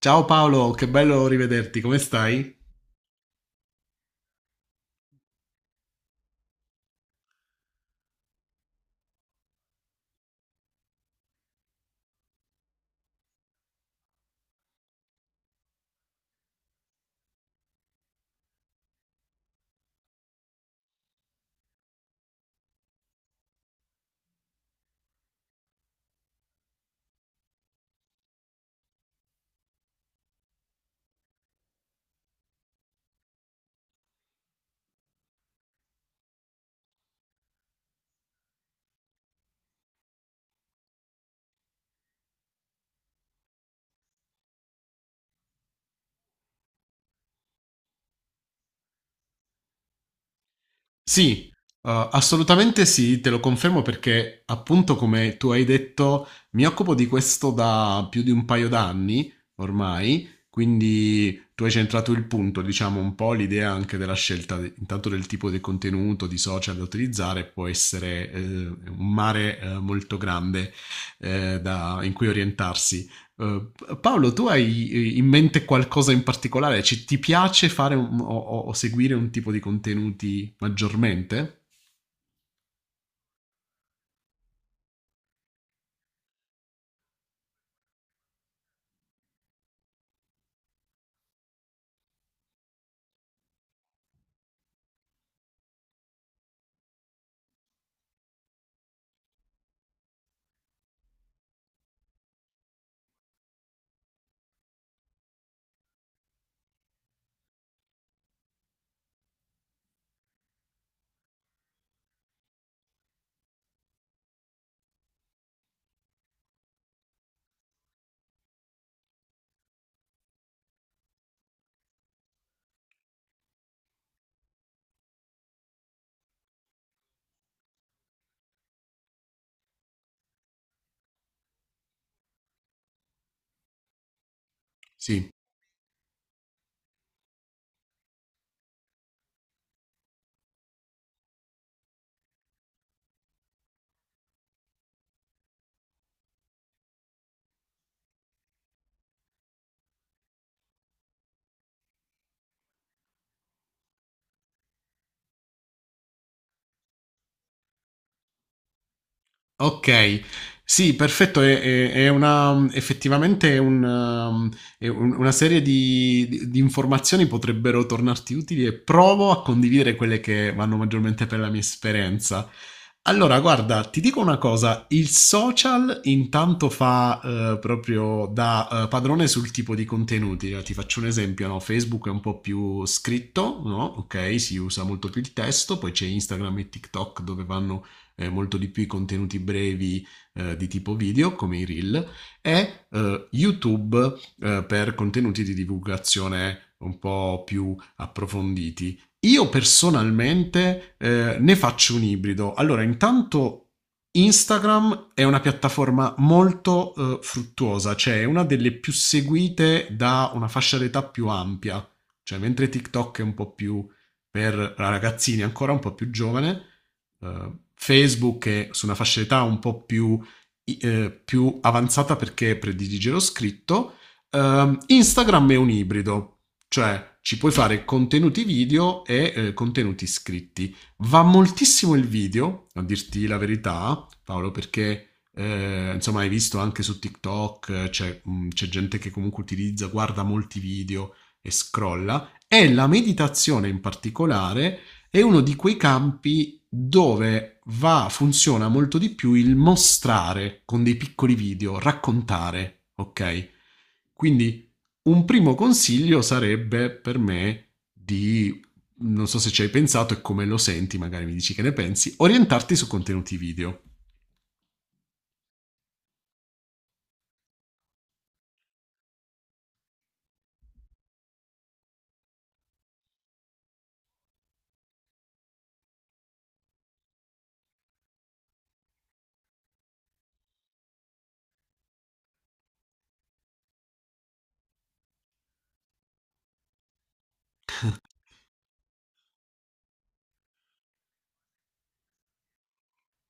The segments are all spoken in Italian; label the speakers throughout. Speaker 1: Ciao Paolo, che bello rivederti, come stai? Sì, assolutamente sì, te lo confermo perché appunto come tu hai detto mi occupo di questo da più di un paio d'anni ormai, quindi tu hai centrato il punto, diciamo un po' l'idea anche della scelta intanto del tipo di contenuto, di social da utilizzare, può essere un mare molto grande, in cui orientarsi. Uh, Paolo, tu hai in mente qualcosa in particolare? Ti piace fare o seguire un tipo di contenuti maggiormente? Sì. Ok, sì, perfetto, effettivamente è un, um, è un- una serie di, di informazioni potrebbero tornarti utili e provo a condividere quelle che vanno maggiormente per la mia esperienza. Allora, guarda, ti dico una cosa, il social intanto fa proprio da padrone sul tipo di contenuti, ti faccio un esempio, no? Facebook è un po' più scritto, no? Ok, si usa molto più il testo, poi c'è Instagram e TikTok dove vanno molto di più i contenuti brevi di tipo video, come i reel, e YouTube per contenuti di divulgazione un po' più approfonditi. Io personalmente ne faccio un ibrido. Allora, intanto Instagram è una piattaforma molto fruttuosa, cioè è una delle più seguite da una fascia d'età più ampia, cioè mentre TikTok è un po' più per ragazzini, ancora un po' più giovane, Facebook è su una fascia d'età un po' più, più avanzata perché predilige lo scritto. Instagram è un ibrido, cioè ci puoi fare contenuti video e contenuti scritti. Va moltissimo il video, a dirti la verità, Paolo, perché insomma hai visto anche su TikTok c'è gente che comunque utilizza, guarda molti video e scrolla. E la meditazione in particolare è uno di quei campi dove va, funziona molto di più il mostrare con dei piccoli video, raccontare, ok? Quindi un primo consiglio sarebbe per me di, non so se ci hai pensato e come lo senti, magari mi dici che ne pensi, orientarti su contenuti video.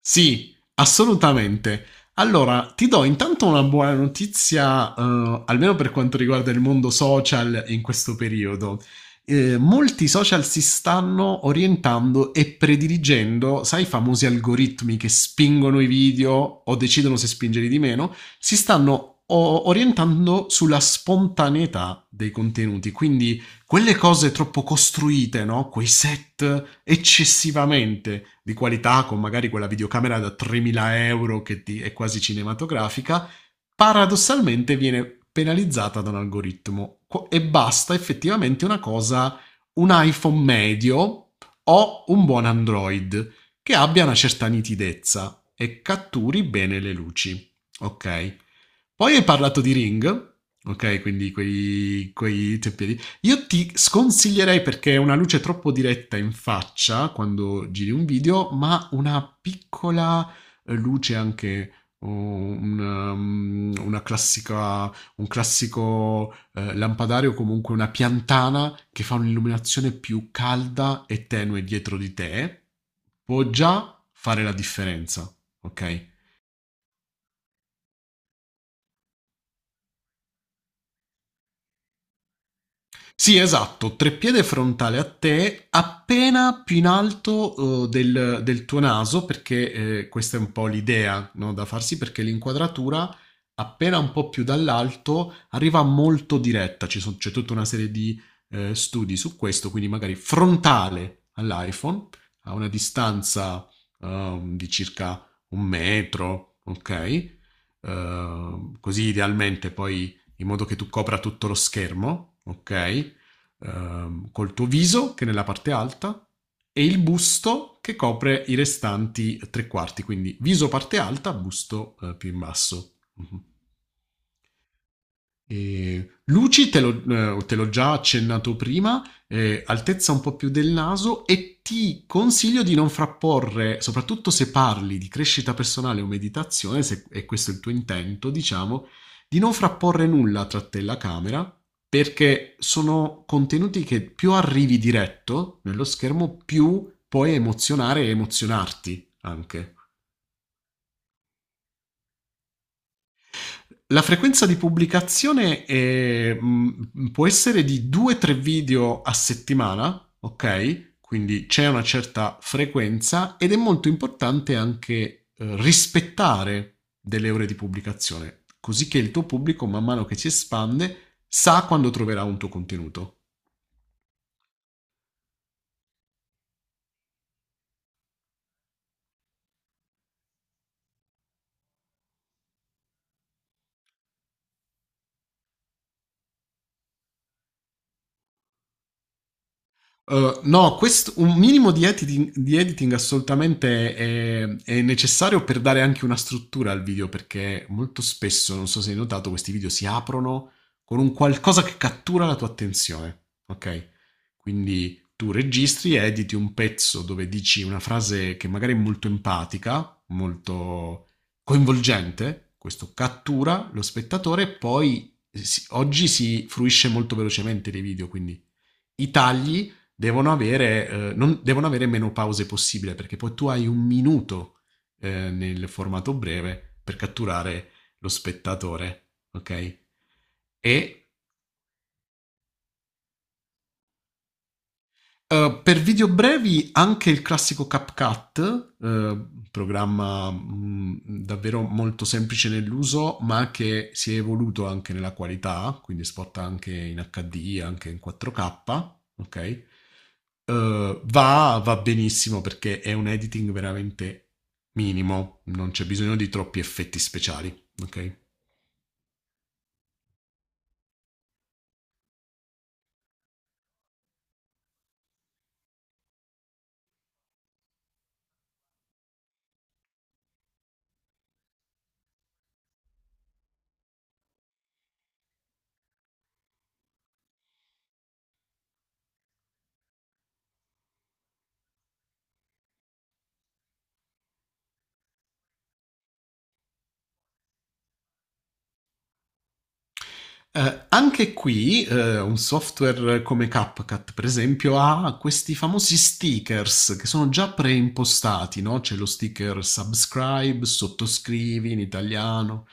Speaker 1: Sì, assolutamente. Allora, ti do intanto una buona notizia, almeno per quanto riguarda il mondo social in questo periodo. Molti social si stanno orientando e prediligendo, sai, i famosi algoritmi che spingono i video o decidono se spingerli di meno, si stanno orientando sulla spontaneità dei contenuti. Quindi quelle cose troppo costruite, no? Quei set eccessivamente di qualità, con magari quella videocamera da 3.000 euro che è quasi cinematografica, paradossalmente viene penalizzata da un algoritmo. E basta effettivamente una cosa, un iPhone medio o un buon Android che abbia una certa nitidezza e catturi bene le luci. Ok. Poi hai parlato di Ring, ok, quindi quei tempi di io ti sconsiglierei perché è una luce troppo diretta in faccia quando giri un video, ma una piccola luce anche oh, una, mm, una classica, un classico lampadario, comunque una piantana che fa un'illuminazione più calda e tenue dietro di te, può già fare la differenza, ok? Sì, esatto, treppiede frontale a te, appena più in alto del tuo naso, perché questa è un po' l'idea, no, da farsi, perché l'inquadratura, appena un po' più dall'alto, arriva molto diretta. C'è tutta una serie di studi su questo, quindi magari frontale all'iPhone, a una distanza di circa un metro, ok? Così idealmente poi in modo che tu copra tutto lo schermo, ok? Col tuo viso, che è nella parte alta, e il busto che copre i restanti tre quarti, quindi viso parte alta, busto più in basso. Mhm. E luci te l'ho già accennato prima, altezza un po' più del naso e ti consiglio di non frapporre, soprattutto se parli di crescita personale o meditazione, se è questo il tuo intento, diciamo, di non frapporre nulla tra te e la camera, perché sono contenuti che più arrivi diretto nello schermo, più puoi emozionare e emozionarti anche. La frequenza di pubblicazione può essere di 2-3 video a settimana, ok? Quindi c'è una certa frequenza ed è molto importante anche rispettare delle ore di pubblicazione, così che il tuo pubblico, man mano che si espande, sa quando troverà un tuo contenuto. No, un minimo di editing, assolutamente è necessario per dare anche una struttura al video, perché molto spesso, non so se hai notato, questi video si aprono con un qualcosa che cattura la tua attenzione, ok? Quindi tu registri, editi un pezzo dove dici una frase che magari è molto empatica, molto coinvolgente, questo cattura lo spettatore e poi oggi si fruisce molto velocemente dei video, quindi i tagli devono avere, devono avere meno pause possibile perché poi tu hai un minuto nel formato breve per catturare lo spettatore, ok? E per video brevi anche il classico CapCut, programma davvero molto semplice nell'uso, ma che si è evoluto anche nella qualità, quindi spot anche in HD, anche in 4K, ok? Va benissimo perché è un editing veramente minimo, non c'è bisogno di troppi effetti speciali, ok? Anche qui un software come CapCut, per esempio, ha questi famosi stickers che sono già preimpostati, no? C'è lo sticker subscribe, sottoscrivi in italiano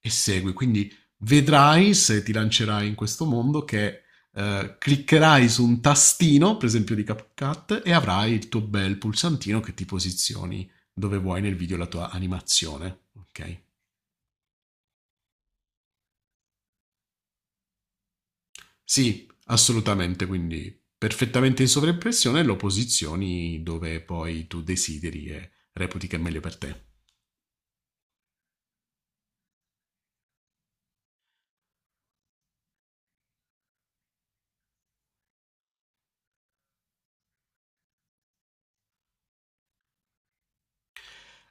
Speaker 1: e segui. Quindi vedrai se ti lancerai in questo mondo che cliccherai su un tastino, per esempio di CapCut, e avrai il tuo bel pulsantino che ti posizioni dove vuoi nel video la tua animazione. Ok? Sì, assolutamente, quindi perfettamente in sovraimpressione lo posizioni dove poi tu desideri e reputi che è meglio per te.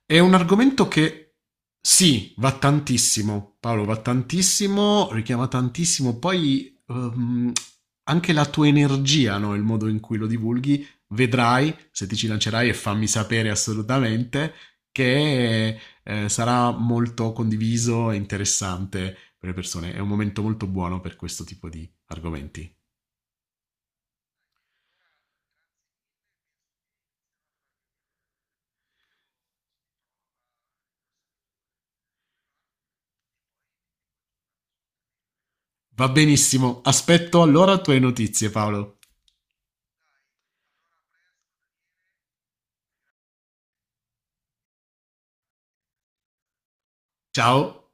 Speaker 1: È un argomento che sì, va tantissimo, Paolo, va tantissimo, richiama tantissimo, poi anche la tua energia, no? Il modo in cui lo divulghi, vedrai, se ti ci lancerai e fammi sapere assolutamente, che sarà molto condiviso e interessante per le persone. È un momento molto buono per questo tipo di argomenti. Va benissimo, aspetto allora tue notizie, Paolo. Ciao!